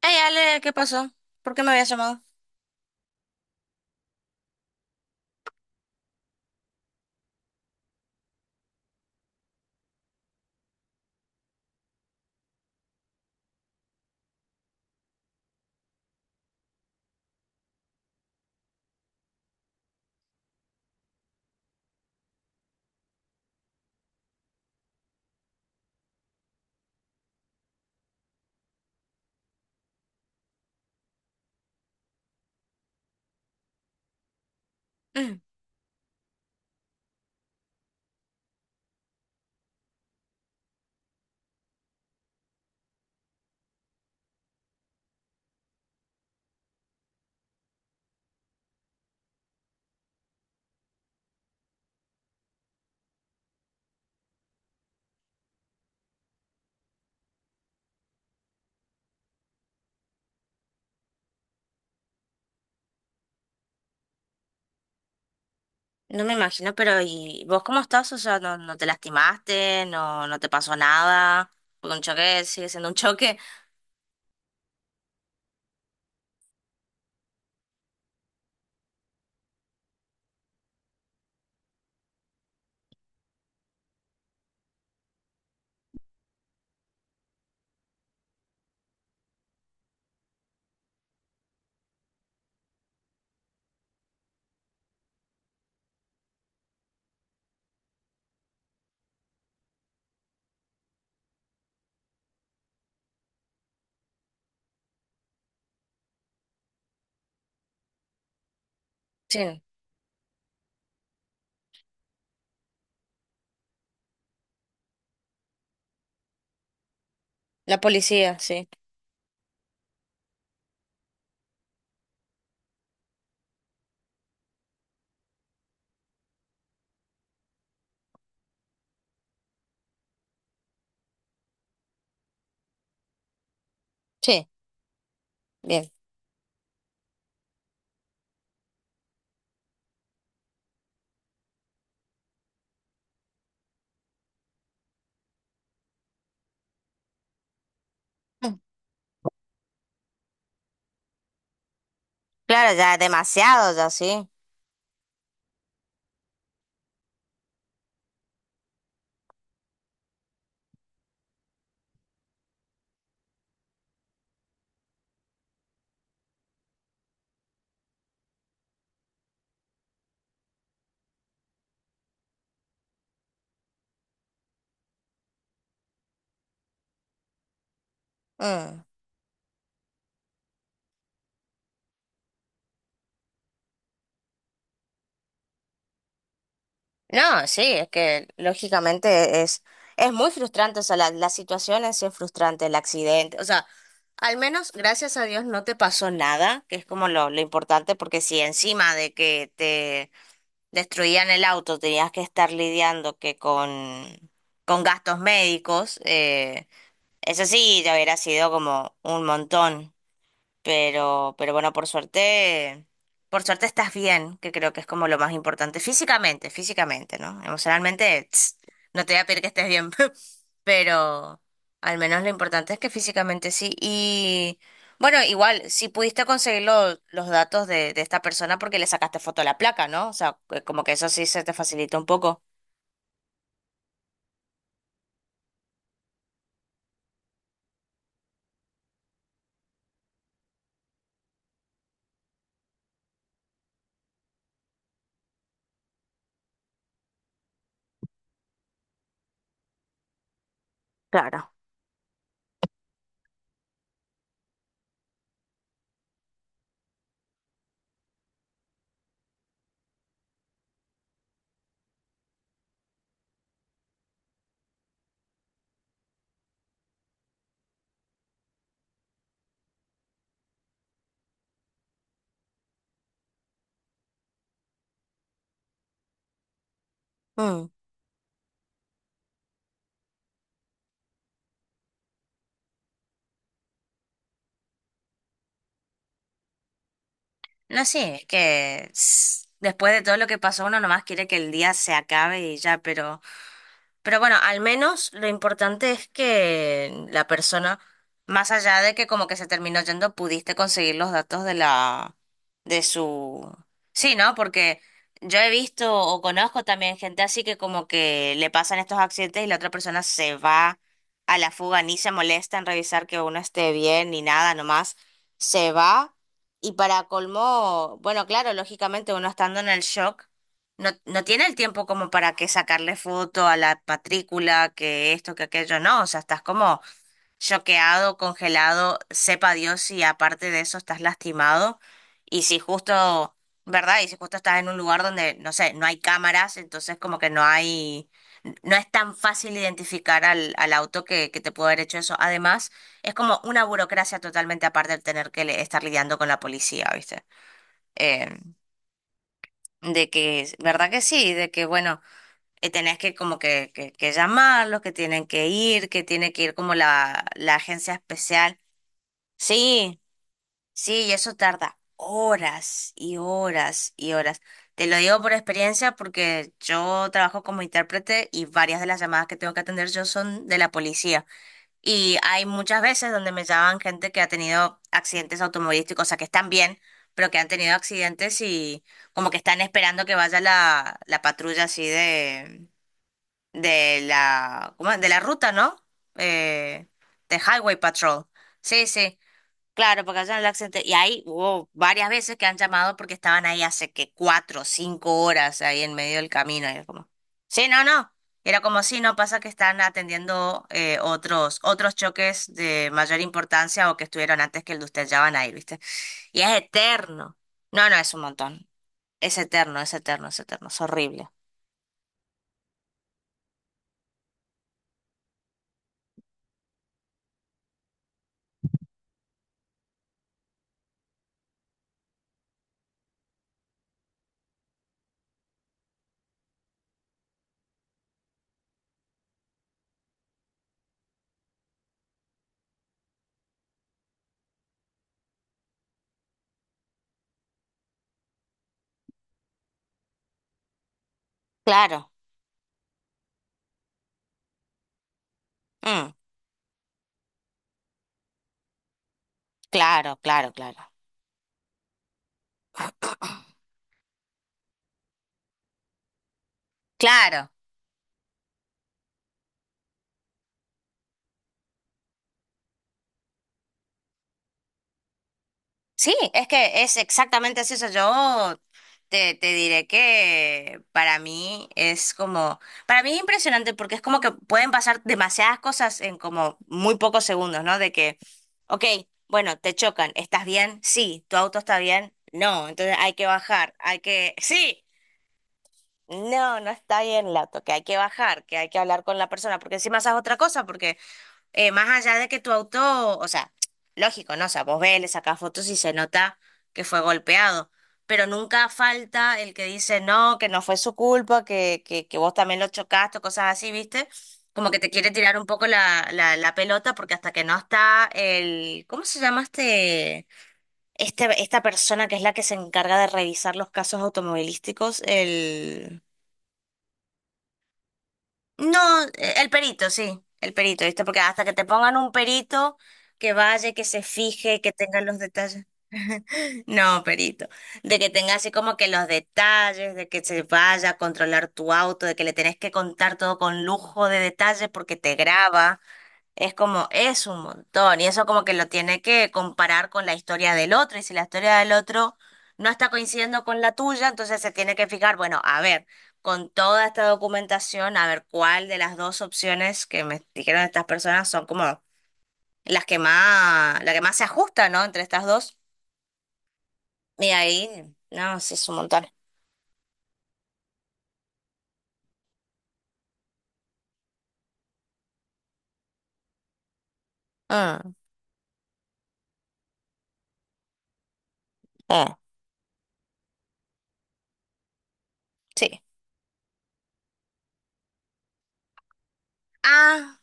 Hey Ale, ¿qué pasó? ¿Por qué me habías llamado? Mm, no me imagino, pero ¿y vos cómo estás? O sea, ¿no te lastimaste? ¿No te pasó nada? Porque un choque sigue siendo un choque. Sí, la policía, sí. Sí, bien. Mm. Claro, ya demasiado, ya sí. Mm. No, sí, es que lógicamente es muy frustrante, o sea, la situación es sí es frustrante, el accidente, o sea, al menos gracias a Dios no te pasó nada, que es como lo importante, porque si encima de que te destruían el auto, tenías que estar lidiando con gastos médicos, eso sí, ya hubiera sido como un montón. Pero bueno, por suerte estás bien, que creo que es como lo más importante. Físicamente, físicamente, ¿no? Emocionalmente, tss, no te voy a pedir que estés bien, pero al menos lo importante es que físicamente sí. Y bueno, igual, si pudiste conseguir los datos de esta persona porque le sacaste foto a la placa, ¿no? O sea, que como que eso sí se te facilita un poco. Claro. Mm. No, sí, es que tss, después de todo lo que pasó, uno nomás quiere que el día se acabe y ya, pero... Pero bueno, al menos lo importante es que la persona, más allá de que como que se terminó yendo, pudiste conseguir los datos de la, de su... Sí, ¿no? Porque yo he visto o conozco también gente así que como que le pasan estos accidentes y la otra persona se va a la fuga, ni se molesta en revisar que uno esté bien ni nada, nomás se va. Y para colmo, bueno, claro, lógicamente uno estando en el shock. No, no tiene el tiempo como para que sacarle foto a la matrícula, que esto, que aquello, no. O sea, estás como choqueado, congelado, sepa Dios si aparte de eso estás lastimado. Y si justo, ¿verdad? Y si justo estás en un lugar donde, no sé, no hay cámaras, entonces como que no hay, no es tan fácil identificar al auto que te pudo haber hecho eso. Además, es como una burocracia totalmente aparte el tener estar lidiando con la policía, ¿viste? Eh, de que, ¿verdad que sí? De que, bueno, tenés que como que llamarlos, que tienen que ir, que tiene que ir como la agencia especial. Sí, sí, y eso tarda horas y horas y horas. Te lo digo por experiencia porque yo trabajo como intérprete y varias de las llamadas que tengo que atender yo son de la policía. Y hay muchas veces donde me llaman gente que ha tenido accidentes automovilísticos, o sea, que están bien, pero que han tenido accidentes y como que están esperando que vaya la patrulla así de la, ¿cómo es? De la ruta, ¿no? Eh, de Highway Patrol. Sí, sí, claro, porque allá en el accidente. Y ahí hubo varias veces que han llamado porque estaban ahí hace que cuatro o cinco horas ahí en medio del camino. Y era como, sí, no. Era como, sí, no pasa que están atendiendo otros choques de mayor importancia o que estuvieron antes que el de usted, ya van a ir, ¿viste? Y es eterno. No, es un montón. Es eterno, es eterno, es eterno. Es horrible. Claro. Mm, claro, claro, claro. Claro, sí, es que es exactamente así. Eso. Yo te diré que para mí es como, para mí es impresionante porque es como que pueden pasar demasiadas cosas en como muy pocos segundos, ¿no? De que, ok, bueno, te chocan, ¿estás bien? Sí, ¿tu auto está bien? No, entonces hay que bajar, hay que, sí, no, no está bien el auto, que hay que bajar, que hay que hablar con la persona, porque encima esa es otra cosa, porque más allá de que tu auto, o sea, lógico, ¿no? O sea, vos ves, le sacás fotos y se nota que fue golpeado, pero nunca falta el que dice, no, que no fue su culpa, que vos también lo chocaste, o cosas así, ¿viste? Como que te quiere tirar un poco la pelota porque hasta que no está el, ¿cómo se llama este? Esta persona que es la que se encarga de revisar los casos automovilísticos, el no, el perito, sí, el perito, ¿viste? Porque hasta que te pongan un perito que vaya, que se fije, que tenga los detalles. No, perito. De que tenga así como que los detalles, de que se vaya a controlar tu auto, de que le tenés que contar todo con lujo de detalles porque te graba. Es como, es un montón, y eso como que lo tiene que comparar con la historia del otro, y si la historia del otro no está coincidiendo con la tuya, entonces se tiene que fijar, bueno, a ver, con toda esta documentación, a ver cuál de las dos opciones que me dijeron estas personas son como las que más, la que más se ajusta, ¿no? Entre estas dos. Y ahí, no, sí, es un montón. Mm, eh, sí. Ah,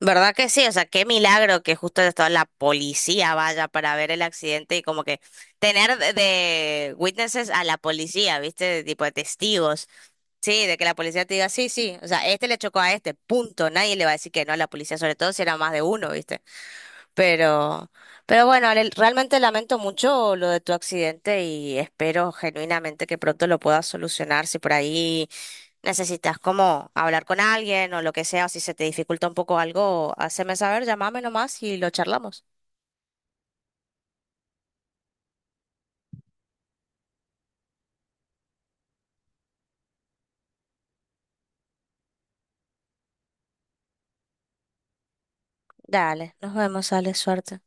¿verdad que sí? O sea, qué milagro que justo toda la policía vaya para ver el accidente y como que tener de witnesses a la policía, ¿viste? De tipo de testigos. Sí, de que la policía te diga, sí, sí, o sea, este le chocó a este, punto. Nadie le va a decir que no a la policía, sobre todo si era más de uno, ¿viste? Pero, pero bueno, Ale, realmente lamento mucho lo de tu accidente y espero genuinamente que pronto lo puedas solucionar. Si por ahí necesitas como hablar con alguien o lo que sea, o si se te dificulta un poco algo, haceme saber, llámame nomás y lo charlamos. Dale, nos vemos, Ale, suerte.